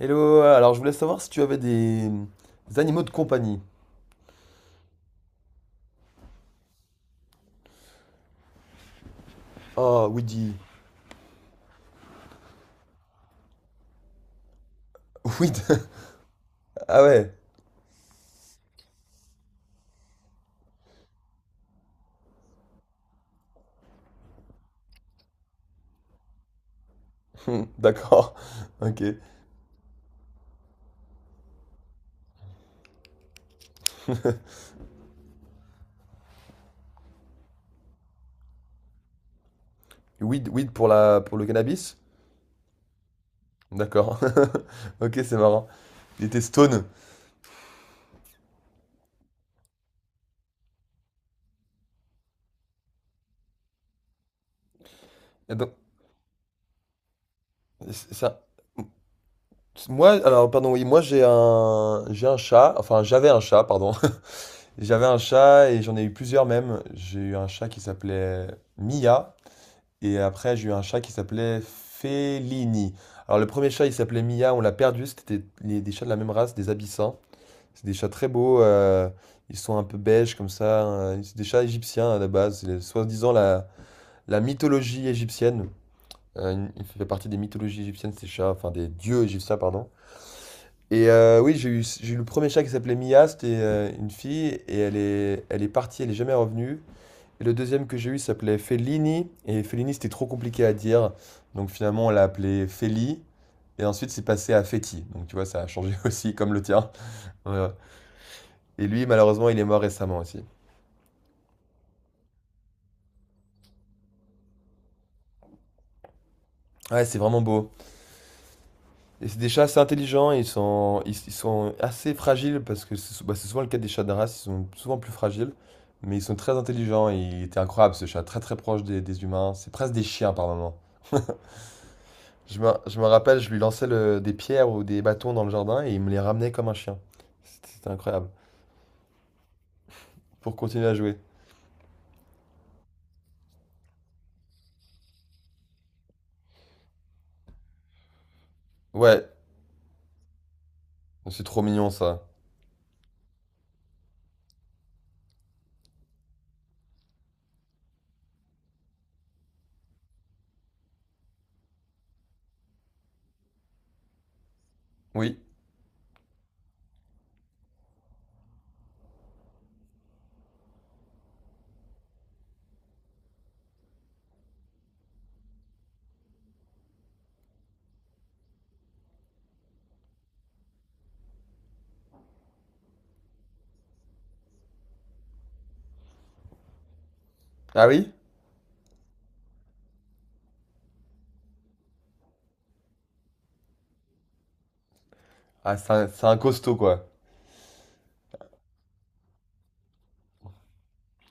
Hello, alors je voulais savoir si tu avais des animaux de compagnie. Oh, Weedy. Weed. Ah ouais. Hmm, d'accord. Ok. Weed, weed pour pour le cannabis? D'accord. Ok, c'est marrant. Il était stone. Et donc, c'est ça. Moi, alors, pardon, oui, moi j'ai un chat, enfin j'avais un chat, pardon. J'avais un chat et j'en ai eu plusieurs même. J'ai eu un chat qui s'appelait Mia. Et après, j'ai eu un chat qui s'appelait Fellini. Alors, le premier chat, il s'appelait Mia, on l'a perdu. C'était des chats de la même race, des abyssins. C'est des chats très beaux. Ils sont un peu beiges comme ça. C'est des chats égyptiens à la base. C'est soi-disant la mythologie égyptienne. Fait partie des mythologies égyptiennes, ces chats, enfin des dieux égyptiens, pardon. Et oui, j'ai eu le premier chat qui s'appelait Mia. C'était une fille et elle est partie, elle est jamais revenue. Et le deuxième que j'ai eu s'appelait Fellini, et Fellini c'était trop compliqué à dire, donc finalement on l'a appelé Feli, et ensuite c'est passé à Feti, donc tu vois ça a changé aussi comme le tien. Ouais. Et lui malheureusement il est mort récemment aussi. Ouais, c'est vraiment beau. Et c'est des chats assez intelligents, ils sont assez fragiles, parce que bah, c'est souvent le cas des chats de race, ils sont souvent plus fragiles, mais ils sont très intelligents, et il était incroyable ce chat, très très proche des humains, c'est presque des chiens par moment. Je me rappelle, je lui lançais des pierres ou des bâtons dans le jardin et il me les ramenait comme un chien. C'était incroyable. Pour continuer à jouer. Ouais, c'est trop mignon ça. Oui. Ah oui? Ah, c'est un costaud quoi.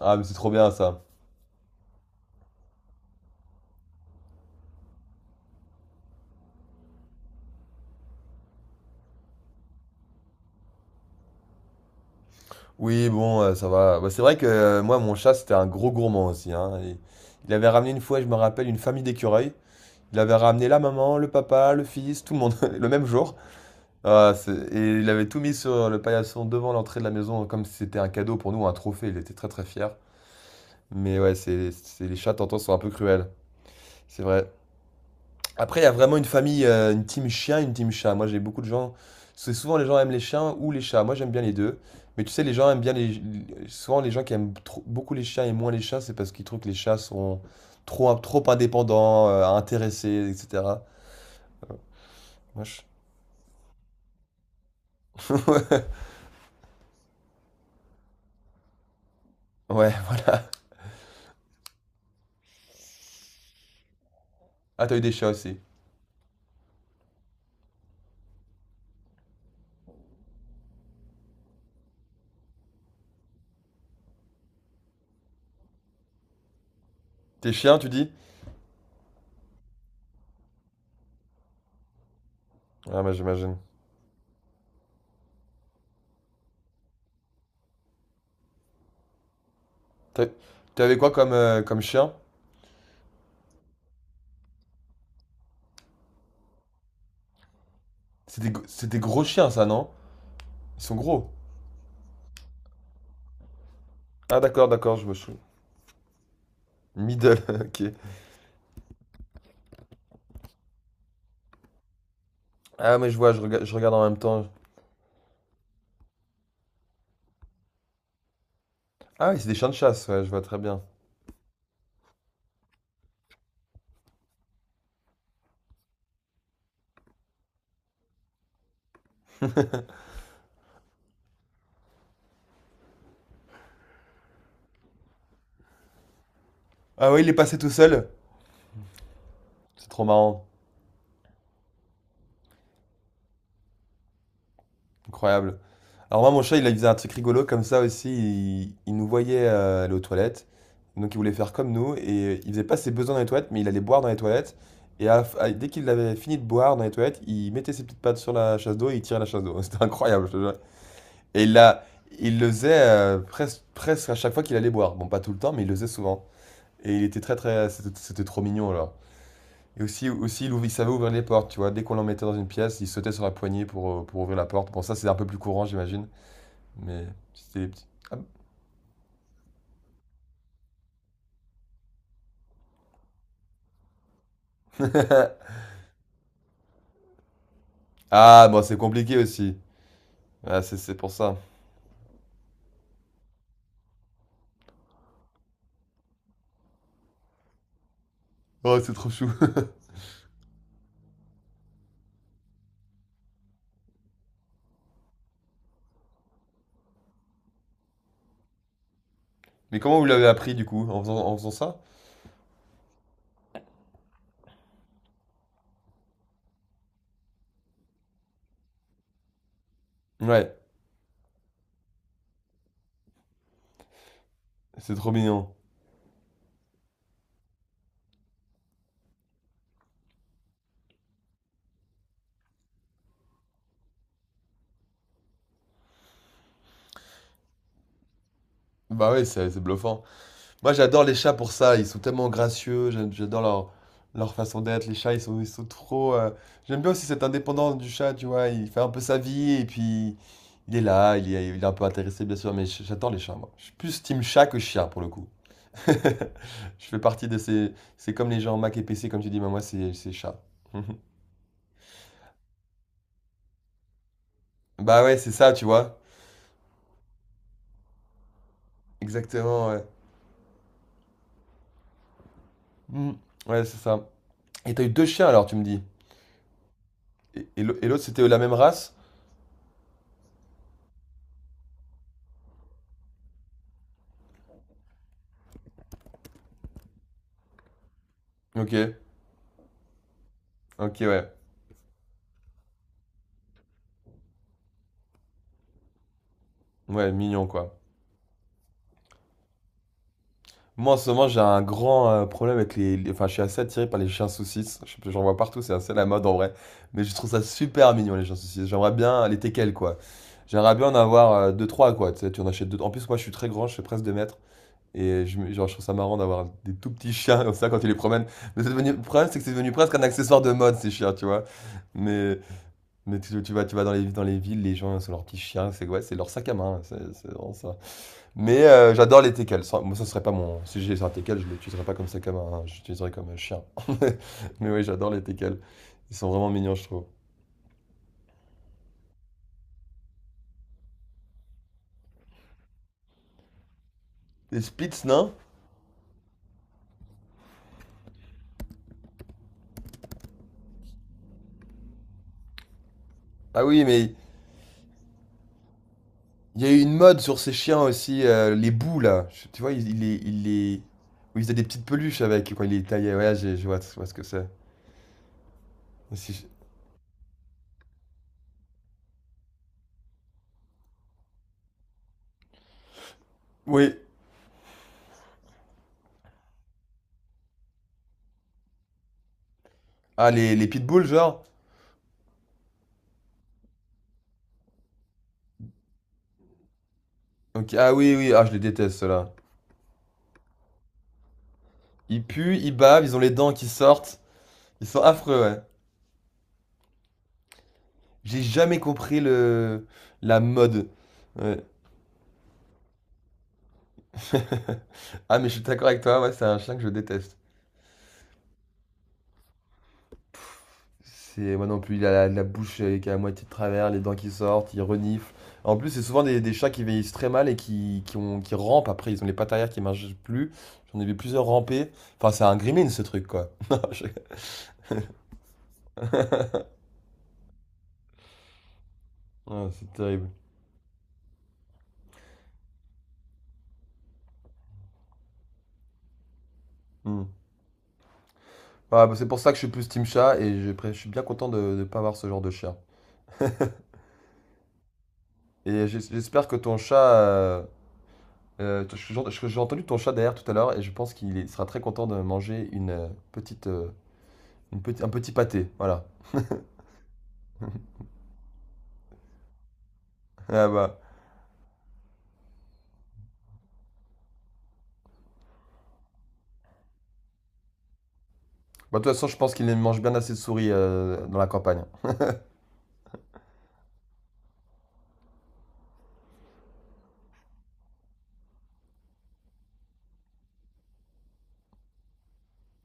Ah, mais c'est trop bien ça. Oui, bon, ça va. Bah, c'est vrai que moi, mon chat, c'était un gros gourmand aussi. Hein. Il avait ramené une fois, je me rappelle, une famille d'écureuils. Il avait ramené la maman, le papa, le fils, tout le monde, le même jour. Ah, et il avait tout mis sur le paillasson devant l'entrée de la maison, comme si c'était un cadeau pour nous, un trophée. Il était très très fier. Mais ouais, les chats, t'entends, sont un peu cruels. C'est vrai. Après, il y a vraiment une famille, une team chien, une team chat. Moi, j'ai beaucoup de gens. C'est souvent les gens aiment les chiens ou les chats. Moi, j'aime bien les deux. Mais tu sais, les gens aiment bien les. Souvent, les gens qui aiment beaucoup les chiens et moins les chats, c'est parce qu'ils trouvent que les chats sont trop, trop indépendants, intéressés, etc. Moi, je- Ouais, voilà. Ah, t'as eu des chiens aussi. Tes chiens, tu dis? Ah, bah, j'imagine. T'as- T'avais quoi comme chien? C'est des gros chiens, ça, non? Ils sont gros. Ah, d'accord, d'accord, je me souviens. Middle, ok. Ah mais je vois, je regarde en même temps. Ah oui, c'est des chiens de chasse, ouais, je vois très bien. Ah oui, il est passé tout seul. C'est trop marrant, incroyable. Alors moi, mon chat, il faisait un truc rigolo comme ça aussi. Il nous voyait aller aux toilettes, donc il voulait faire comme nous et il faisait pas ses besoins dans les toilettes, mais il allait boire dans les toilettes. Et à la f- à- dès qu'il avait fini de boire dans les toilettes, il mettait ses petites pattes sur la chasse d'eau et il tirait la chasse d'eau. C'était incroyable, je te jure. Et là, il le faisait presque à chaque fois qu'il allait boire. Bon, pas tout le temps, mais il le faisait souvent. Et il était très très. C'était trop mignon alors. Et aussi il savait ouvrir les portes, tu vois. Dès qu'on l'emmettait dans une pièce, il sautait sur la poignée pour ouvrir la porte. Bon, ça c'est un peu plus courant, j'imagine. Mais c'était les petits. Ah, Ah, bon, c'est compliqué aussi. Ah, c'est pour ça. Oh, c'est trop chou. Mais comment vous l'avez appris du coup? En faisant ça? Ouais, c'est trop mignon. Bah ouais, c'est bluffant. Moi, j'adore les chats pour ça. Ils sont tellement gracieux. J'adore leur façon d'être. Les chats, ils sont trop. J'aime bien aussi cette indépendance du chat, tu vois. Il fait un peu sa vie et puis il est là. Il est un peu intéressé, bien sûr. Mais j'adore les chats, moi. Je suis plus team chat que chien, pour le coup. Je fais partie de ces. C'est comme les gens Mac et PC, comme tu dis, mais moi, c'est chat. Bah ouais, c'est ça, tu vois. Exactement, ouais. Mm. Ouais, c'est ça. Et t'as eu deux chiens alors, tu me dis. Et l'autre, c'était la même race? Ok, ok, ouais. Ouais, mignon, quoi. Moi, en ce moment, j'ai un grand problème avec Enfin, je suis assez attiré par les chiens saucisses. J'en vois partout, c'est assez la mode en vrai. Mais je trouve ça super mignon, les chiens saucisses. J'aimerais bien les teckels, quoi. J'aimerais bien en avoir deux, trois, quoi. Tu sais, tu en achètes deux. En plus, moi, je suis très grand, je fais presque 2 mètres. Et genre, je trouve ça marrant d'avoir des tout petits chiens comme ça quand tu les promènes. Mais c'est devenu, le problème, c'est que c'est devenu presque un accessoire de mode, ces chiens, tu vois. Mais, mais tu vas dans les villes, les gens, c'est leurs petits chiens. C'est ouais, c'est leur sac à main. C'est vraiment ça. Mais j'adore les teckels. Moi, ça serait pas mon. Si j'ai un teckel, je l'utiliserais pas comme ça, comme un. J'utiliserais comme un chien. Mais oui, j'adore les teckels. Ils sont vraiment mignons, je trouve. Les Spitz, non? Ah oui, mais il y a eu une mode sur ces chiens aussi, les bouts là. Tu vois, ils les. Où ils faisaient des petites peluches avec quand ils les taillaient. Ouais, je vois, ce que c'est. Si je- Oui. Ah, les pitbulls, genre? Ok, ah oui, oui, ah, je les déteste, ceux-là. Ils puent, ils bavent, ils ont les dents qui sortent. Ils sont affreux, ouais. J'ai jamais compris le la mode. Ouais. Ah, mais je suis d'accord avec toi, ouais, c'est un chien que je déteste. C'est moi non plus, il a la bouche qui est à moitié de travers, les dents qui sortent, il renifle. En plus, c'est souvent des chats qui vieillissent très mal et qui rampent après. Ils ont les pattes arrière qui marchent plus. J'en ai vu plusieurs ramper. Enfin, c'est un gremlin ce truc, quoi. Non, Ah, c'est terrible. Hmm. Ouais, bah, c'est pour ça que je suis plus team chat et je suis bien content de ne pas avoir ce genre de chien. Et j'espère que ton chat. J'ai entendu ton chat derrière tout à l'heure et je pense qu'il sera très content de manger une petite, une petit, un petit pâté. Voilà. Ah bah. Bah, de toute façon, je pense qu'il mange bien assez de souris dans la campagne.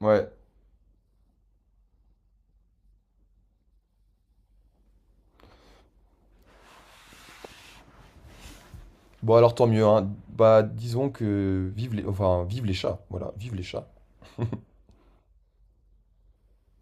Ouais. Bon, alors tant mieux, hein. Bah, disons que enfin, vive les chats. Voilà, vive les chats.